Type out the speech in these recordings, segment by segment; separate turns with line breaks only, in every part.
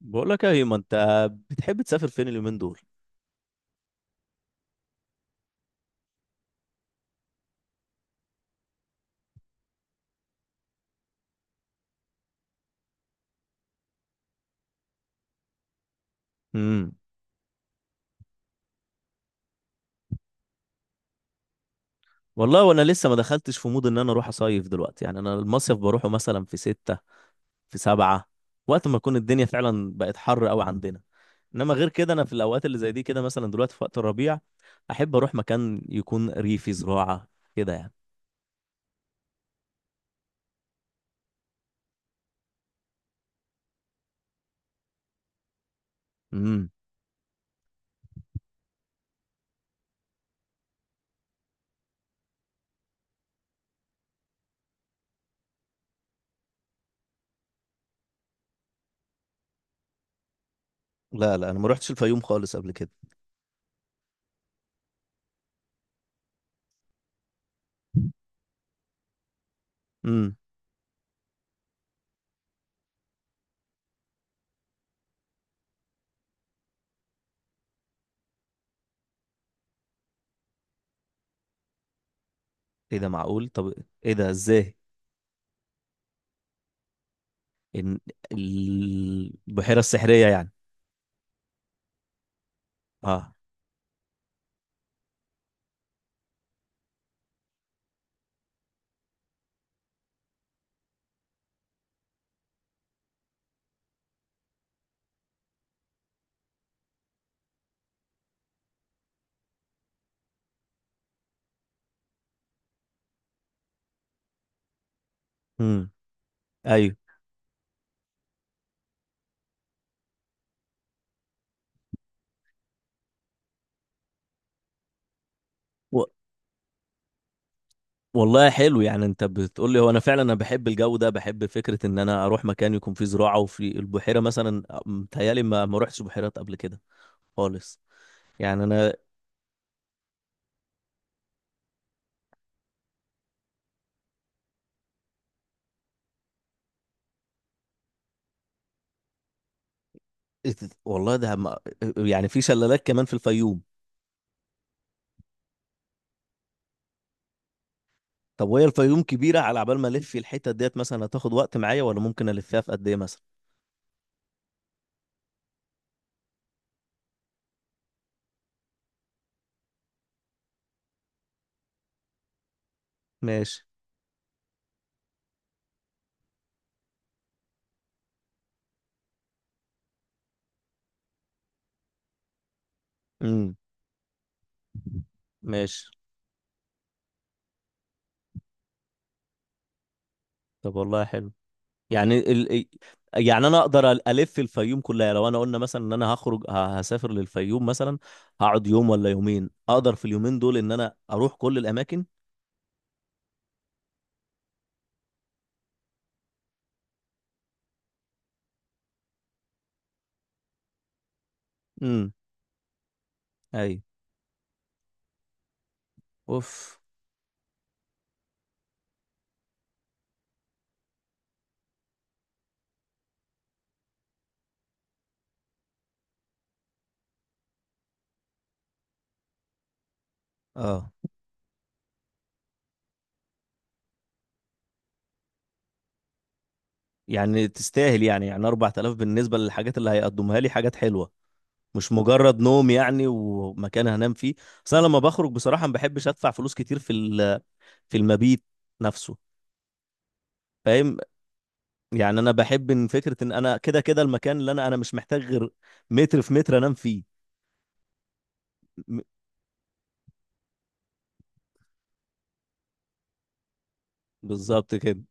بقول لك يا هيما، انت بتحب تسافر فين اليومين دول؟ امم والله، وانا لسه ما دخلتش في مود ان انا اروح اصيف دلوقتي، يعني انا المصيف بروحه مثلا في ستة في سبعة، وقت ما تكون الدنيا فعلا بقت حر قوي عندنا. انما غير كده انا في الاوقات اللي زي دي كده، مثلا دلوقتي في وقت الربيع، احب اروح مكان يكون ريفي زراعة كده يعني. امم لا، انا ما رحتش الفيوم خالص قبل كده. امم ايه ده؟ معقول؟ طب ايه ده؟ ازاي؟ إن- البحيرة السحرية يعني؟ اه. امم ايوه، والله حلو يعني، انت بتقول لي، هو انا فعلا انا بحب الجو ده، بحب فكره ان انا اروح مكان يكون فيه زراعه وفي البحيره، مثلا متهيالي ما روحتش بحيرات قبل كده خالص. يعني انا والله ده ما... يعني في شلالات كمان في الفيوم؟ طب وهي الفيوم كبيره؟ على عبال ما الف الحته ديت مثلا، هتاخد وقت معايا؟ ولا ممكن الفها في قد ايه مثلا؟ ماشي. امم ماشي. طب والله حلو يعني ال... يعني انا اقدر الف الفيوم كلها لو انا قلنا مثلا ان انا هخرج، هسافر للفيوم مثلا؟ هقعد يوم ولا يومين اقدر في اليومين دول ان انا اروح كل الاماكن؟ امم اي، اوف. اه، يعني تستاهل، يعني يعني 4000 بالنسبه للحاجات اللي هيقدمها لي حاجات حلوه، مش مجرد نوم يعني ومكان هنام فيه. بس انا لما بخرج بصراحه ما بحبش ادفع فلوس كتير في في المبيت نفسه، فاهم؟ يعني انا بحب ان فكره ان انا كده كده المكان، اللي انا مش محتاج غير متر في متر انام فيه. م- بالظبط كده.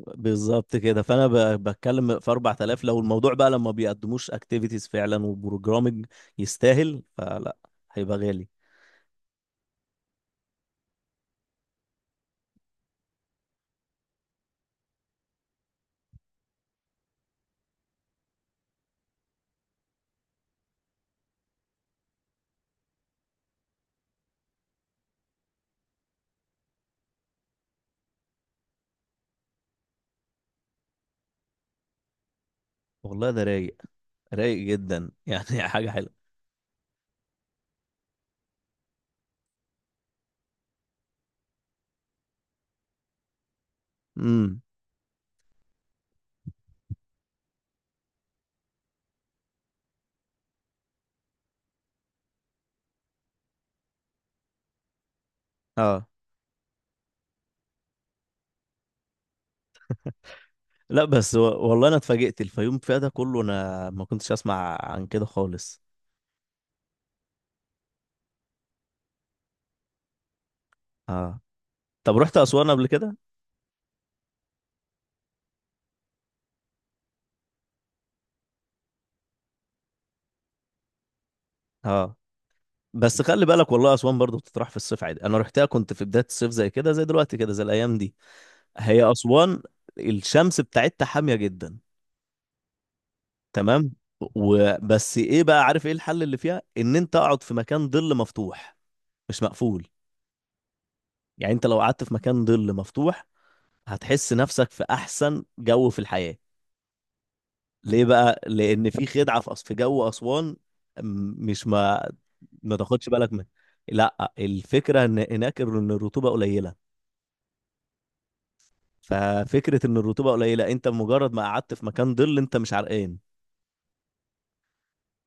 بالظبط كده، فانا بتكلم في 4000، لو الموضوع بقى لما بيقدموش اكتيفيتيز فعلا وبروجرامنج، يستاهل. فلا، هيبقى غالي. والله ده رايق، رايق جدا يعني حاجه حلوه. امم اه. لا، بس و... والله انا اتفاجئت الفيوم فيها ده كله، انا ما كنتش اسمع عن كده خالص. اه. طب رحت اسوان قبل كده؟ اه، بس خلي بالك، والله اسوان برضه بتطرح في الصيف عادي. انا رحتها كنت في بدايه الصيف زي كده، زي دلوقتي كده، زي الايام دي. هي اسوان الشمس بتاعتها حاميه جدا. تمام. وبس ايه بقى، عارف ايه الحل اللي فيها؟ ان انت اقعد في مكان ظل مفتوح، مش مقفول. يعني انت لو قعدت في مكان ظل مفتوح هتحس نفسك في احسن جو في الحياه. ليه بقى؟ لان في خدعه في في جو اسوان، م- مش ما ما تاخدش بالك منها. لا، الفكره ان هناك ان الرطوبه قليله. ففكرة ان الرطوبة قليلة، انت مجرد ما قعدت في مكان ظل انت مش عرقان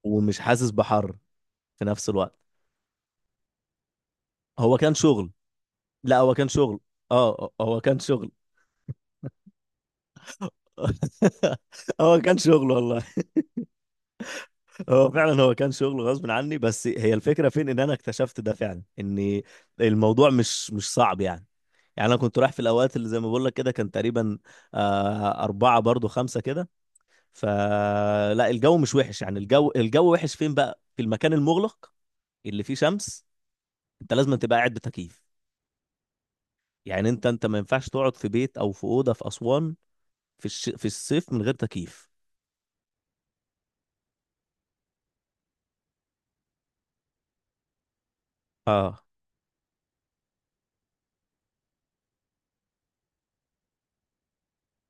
ومش حاسس بحر في نفس الوقت. هو كان شغل. لا، هو كان شغل. اه، هو كان شغل هو كان شغل والله. هو فعلا هو كان شغل غصب عني، بس هي الفكرة فين، ان انا اكتشفت ده فعلا، ان الموضوع مش صعب يعني. يعني انا كنت رايح في الاوقات اللي زي ما بقول لك كده، كان تقريبا أربعة برضو، خمسة كده. فلا الجو مش وحش يعني. الجو وحش فين بقى؟ في المكان المغلق اللي فيه شمس، انت لازم تبقى قاعد بتكييف. يعني انت ما ينفعش تقعد في بيت او في اوضه في اسوان في في الصيف من غير تكييف. اه.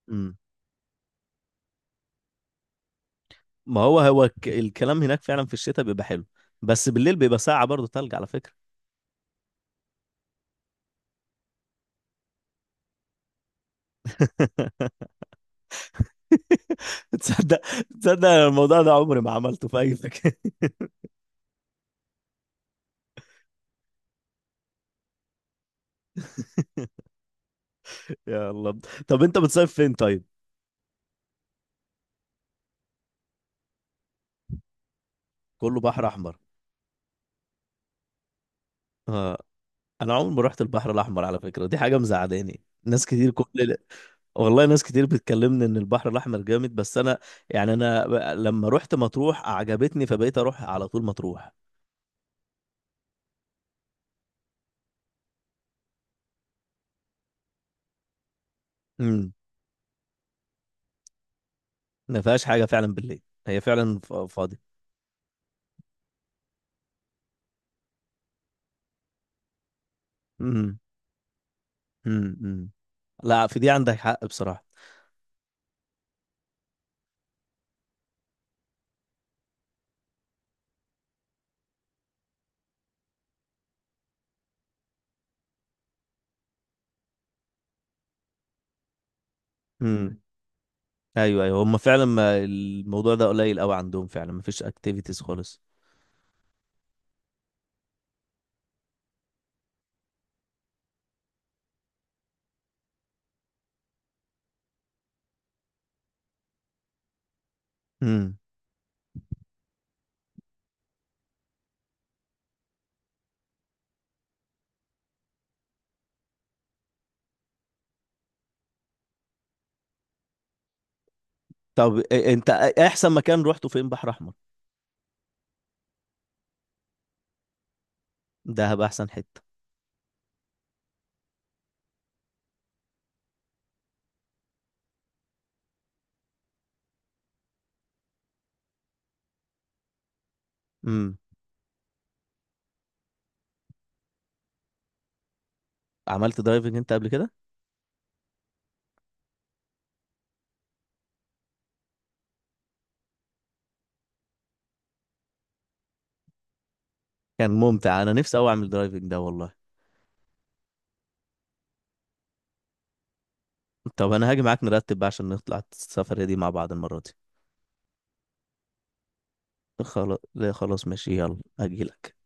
امم ما هو هو الكلام هناك فعلا في الشتاء بيبقى حلو، بس بالليل بيبقى ساقعة برضه، تلج على فكرة. تصدق، تصدق أنا الموضوع ده عمري ما عملته في اي مكان. يا الله. طب انت بتصيف فين طيب؟ كله بحر احمر. اه، انا عمري ما رحت البحر الاحمر على فكره، دي حاجه مزعلاني، ناس كتير كل... والله ناس كتير بتكلمني ان البحر الاحمر جامد، بس انا يعني انا لما رحت مطروح عجبتني، فبقيت اروح على طول مطروح. امم ما فيهاش حاجه فعلا بالليل، هي فعلا فاضيه. امم أمم. لا، في دي عندك حق بصراحه. امم ايوه، ايوه، هم فعلا ما الموضوع ده قليل قوي عندهم، فعلا ما فيش اكتيفيتيز خالص. امم طب انت احسن مكان روحته فين بحر احمر؟ دهب احسن حته؟ امم. عملت درايفنج انت قبل كده؟ كان ممتع، انا نفسي اوي اعمل درايفنج ده والله. طب انا هاجي معاك، نرتب بقى عشان نطلع السفرية دي مع بعض المرة دي. خلاص، لا خلاص ماشي، يلا هجيلك.